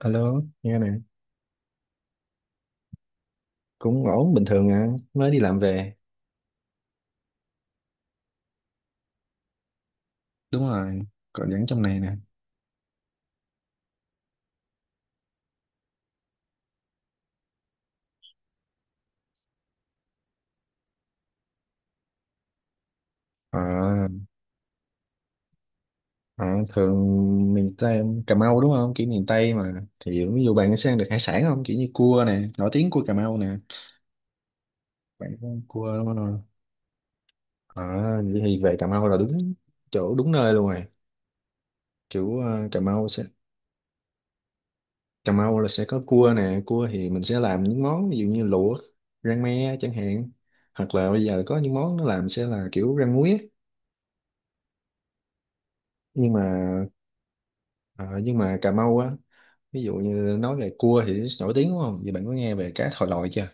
Alo, nghe nè. Cũng ổn bình thường à, mới đi làm về. Đúng rồi, còn vẫn trong này nè. À, à, thường miền Tây, Cà Mau đúng không? Kiểu miền Tây mà. Thì ví dụ bạn sẽ ăn được hải sản không? Kiểu như cua nè, nổi tiếng cua Cà Mau nè. Bạn có ăn cua đúng không? À, vậy thì về Cà Mau là đúng chỗ, đúng nơi luôn rồi. Kiểu Cà Mau là sẽ có cua nè, cua thì mình sẽ làm những món ví dụ như luộc, rang me chẳng hạn. Hoặc là bây giờ có những món nó làm sẽ là kiểu rang muối á. Nhưng mà Ờ, nhưng mà Cà Mau á, ví dụ như nói về cua thì nổi tiếng đúng không? Vậy bạn có nghe về cá thòi lòi chưa?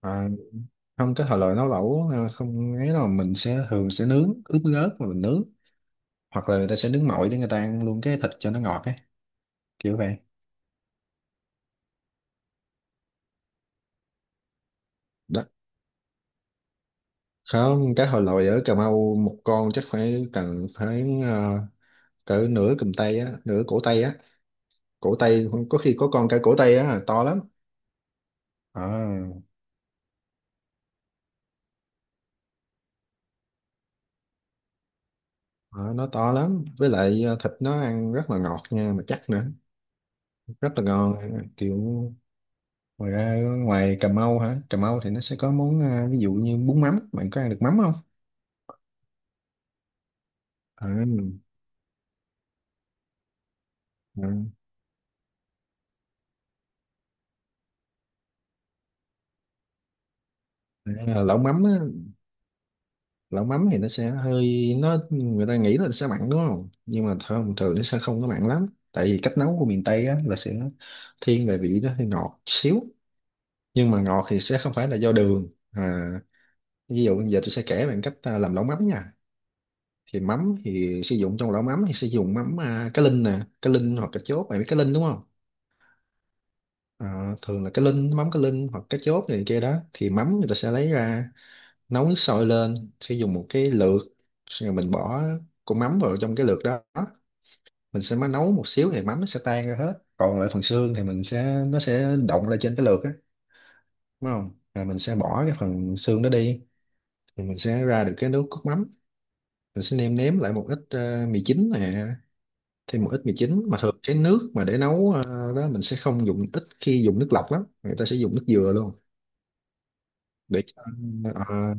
À, không, cá thòi lòi nấu lẩu không ấy đâu, mình thường sẽ nướng ướp gớt mà mình nướng. Hoặc là người ta sẽ nướng mọi để người ta ăn luôn cái thịt cho nó ngọt ấy, kiểu vậy. Đó, không, cá thòi lòi ở Cà Mau một con chắc cần phải cỡ nửa cầm tay á, nửa cổ tay á. Cổ tay, có khi có con cả cổ tay á, to lắm. Ờ, ờ, nó to lắm, với lại thịt nó ăn rất là ngọt nha, mà chắc nữa. Rất là ngon, kiểu ngoài ra, ngoài Cà Mau hả? Cà Mau thì nó sẽ có món, ví dụ như bún mắm. Bạn có ăn được mắm không? à, à, Lẩu mắm á, lẩu mắm thì nó sẽ hơi nó người ta nghĩ là sẽ mặn đúng không, nhưng mà thường thường nó sẽ không có mặn lắm. Tại vì cách nấu của miền Tây á, là sẽ thiên về vị nó hơi ngọt xíu. Nhưng mà ngọt thì sẽ không phải là do đường à, ví dụ giờ tôi sẽ kể bạn cách làm lẩu mắm nha. Thì mắm thì sử dụng Trong lẩu mắm thì sử dụng mắm cá linh nè, cá linh hoặc cá chốt. Bạn biết cá linh đúng không? Ờ, Thường là cái link mắm, cái link hoặc cái chốt này kia đó. Thì mắm người ta sẽ lấy ra nấu nước sôi lên, sẽ dùng một cái lược, xong rồi mình bỏ con mắm vào trong cái lược đó. Mình sẽ mới nấu một xíu thì mắm nó sẽ tan ra hết, còn lại phần xương thì mình sẽ nó sẽ động ra trên cái lược á. Đúng không? Rồi mình sẽ bỏ cái phần xương đó đi, thì mình sẽ ra được cái nước cốt mắm. Mình sẽ nêm nếm lại một ít mì chính nè, thêm một ít mì chính. Mà thường cái nước mà để nấu đó, mình sẽ không dùng ít khi dùng nước lọc lắm, người ta sẽ dùng nước dừa luôn. để cho- ờ,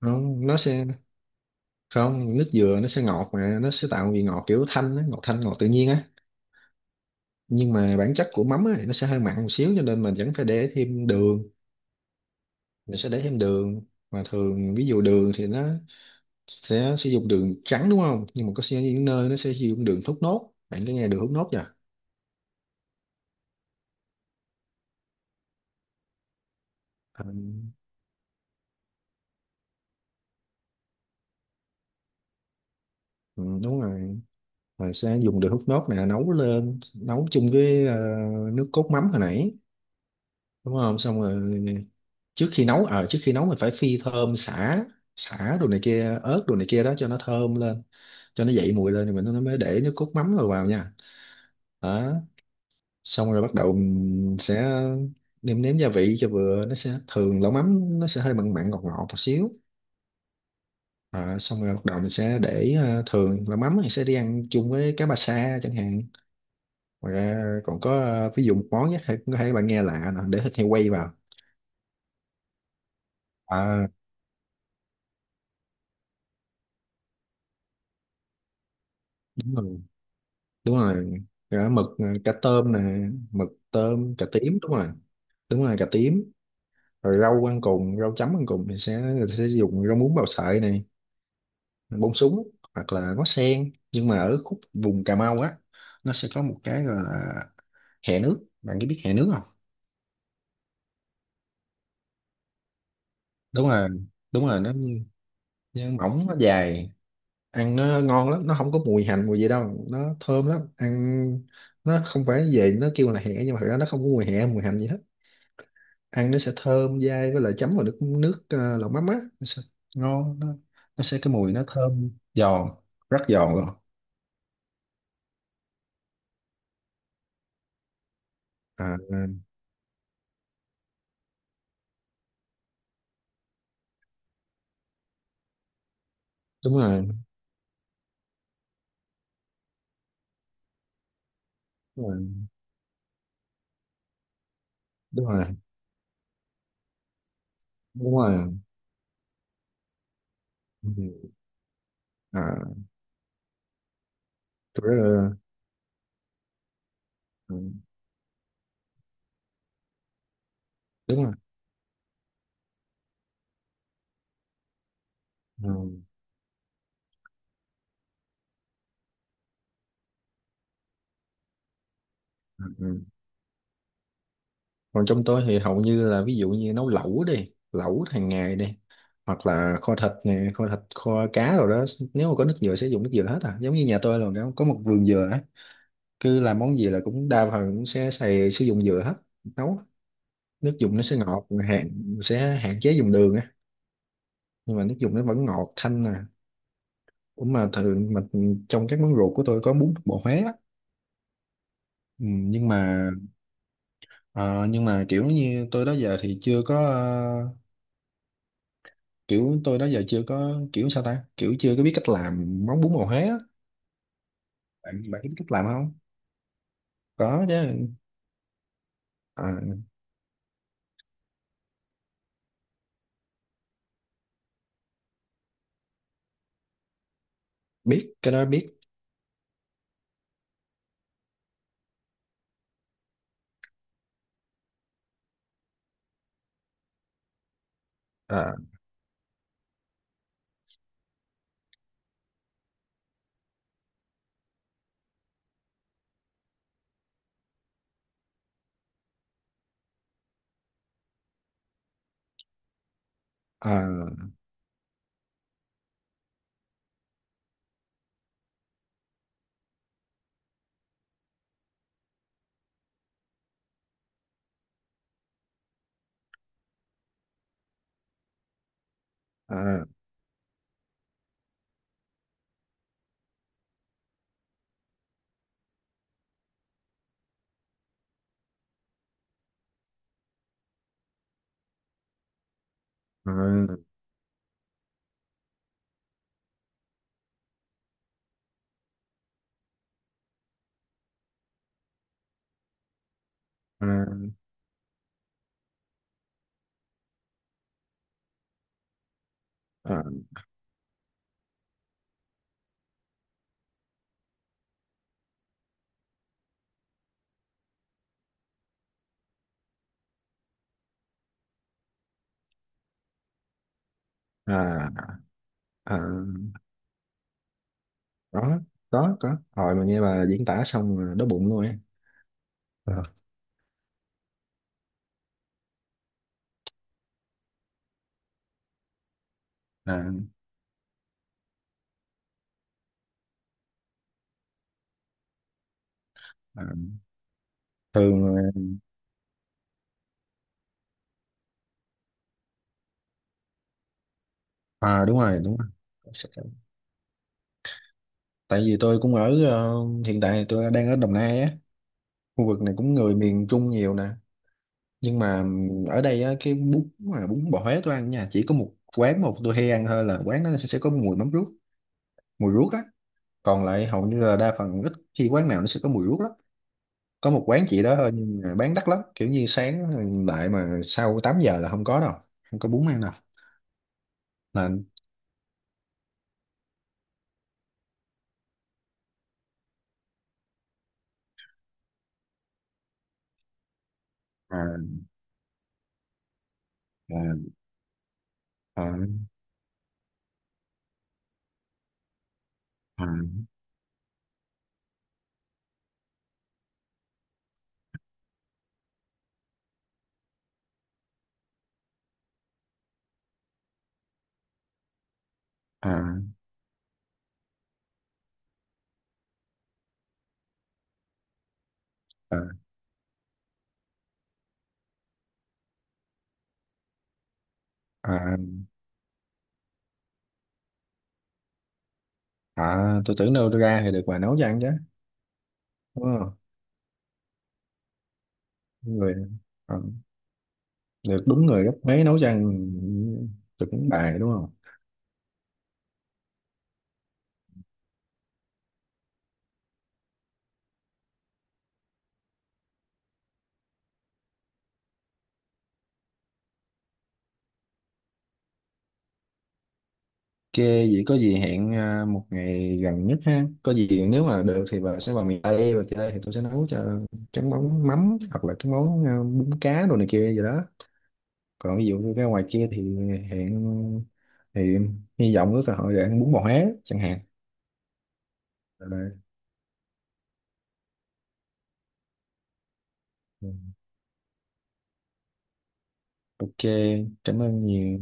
Không, nó sẽ không nước dừa nó sẽ ngọt, mà nó sẽ tạo vị ngọt kiểu thanh á, ngọt thanh, ngọt tự nhiên á. Nhưng mà bản chất của mắm á, nó sẽ hơi mặn một xíu, cho nên mình vẫn phải để thêm đường, mình sẽ để thêm đường. Mà thường ví dụ đường thì nó sẽ sử dụng đường trắng đúng không, nhưng mà có sẽ những nơi nó sẽ sử dụng đường thốt nốt. Bạn có nghe đường thốt nốt chưa? Ờ, ừ, đúng rồi, mình sẽ dùng đường hút nốt này nấu lên, nấu chung với nước cốt mắm hồi nãy. Đúng không? Xong rồi trước khi nấu mình phải phi thơm sả, đồ này kia, ớt đồ này kia đó, cho nó thơm lên. Cho nó dậy mùi lên thì nó mới để nước cốt mắm rồi vào nha. Đó, xong rồi bắt đầu mình sẽ nêm nếm gia vị cho vừa. Nó sẽ Thường lẩu mắm nó sẽ hơi mặn mặn ngọt ngọt một xíu. Xong rồi bắt đầu mình sẽ để ờ, thường lẩu mắm thì sẽ đi ăn chung với cá ba sa chẳng hạn. Ngoài ra còn có ví dụ một món nhé, có thể bạn nghe lạ nè, để thịt heo quay vào. à Đúng rồi, đúng rồi, cá mực cá tôm nè, mực tôm cà tím, đúng rồi. Đúng rồi, cà tím. Rồi rau ăn cùng, rau chấm ăn cùng thì sẽ dùng rau muống bào sợi này, bông súng hoặc là ngó sen. Nhưng mà ở khúc vùng Cà Mau á, nó sẽ có một cái gọi là hẹ nước. Bạn có biết hẹ nước không? Đúng rồi, đúng rồi, nó mỏng, nó dài, ăn nó ngon lắm, nó không có mùi hành mùi gì đâu, nó thơm lắm, ăn nó không phải về, nó kêu là hẹ nhưng mà thực ra nó không có mùi hẹ mùi hành gì hết. Ăn nó sẽ thơm dai, với lại chấm vào nước nước ờ, lẩu mắm á, nó sẽ ngon. Nó sẽ cái mùi nó thơm giòn. Rất giòn luôn. à, Đúng rồi, đúng rồi, đúng rồi, đúng rồi. Ừ. à, tôi rất là- ừ, đúng rồi. Ừ, ừ, ừ. Còn trong tôi thì hầu như là, ví dụ như nấu lẩu đi, lẩu hàng ngày đi, hoặc là kho thịt nè, kho thịt, kho cá rồi đó. Nếu mà có nước dừa sẽ dùng nước dừa hết à, giống như nhà tôi là có một vườn dừa á, cứ làm món gì là cũng đa phần cũng sẽ xài, sử dụng dừa hết. Nấu nước dùng nó sẽ ngọt, sẽ hạn chế dùng đường á, nhưng mà nước dùng nó vẫn ngọt thanh nè. Cũng mà thường mà trong các món ruột của tôi có bún bò Huế á. Ừ, nhưng mà kiểu như tôi đó giờ thì chưa có kiểu tôi đó giờ chưa có, kiểu sao ta, kiểu chưa có biết cách làm món bún bò Huế á. Bạn bạn biết cách làm không? Có chứ. Ờ, Biết, cái đó biết. Ờ, ờ, ờ, ờ, ờ, ờ, ờ, ờ. Đó, có rồi mà nghe bà diễn tả xong rồi đói bụng luôn á. Ờ, là, là thường. Đúng rồi, đúng rồi. Sẽ- Tại vì tôi cũng ở ờ, hiện tại tôi đang ở Đồng Nai á, khu vực này cũng người miền Trung nhiều nè. Nhưng mà ở đây á, cái bún mà bún bò Huế tôi ăn nha, chỉ có một quán, một tôi hay ăn thôi là quán nó sẽ có mùi mắm ruốc, mùi ruốc á. Còn lại hầu như là đa phần, ít khi quán nào nó sẽ có mùi ruốc lắm. Có một quán chỉ đó thôi, nhưng mà bán đắt lắm, kiểu như sáng lại mà sau 8 giờ là không có đâu, không có bún ăn đâu. Là, à, à, à, à, à. À, à, à, tôi tưởng đâu ra thì được bà nấu cho ăn chứ. Đúng không? Người, à, được đúng người gấp mấy nấu cho ăn. Tưởng bà đúng không? OK, vậy có gì hẹn một ngày gần nhất ha, có gì nếu mà được thì bà sẽ vào miền Tây và chơi thì tôi sẽ nấu cho cái món mắm hoặc là cái món bún cá đồ này kia gì đó. Còn ví dụ như ra ngoài kia thì hẹn thì hy vọng có cơ hội để ăn bún bò Huế chẳng hạn. Rồi, OK, cảm ơn nhiều.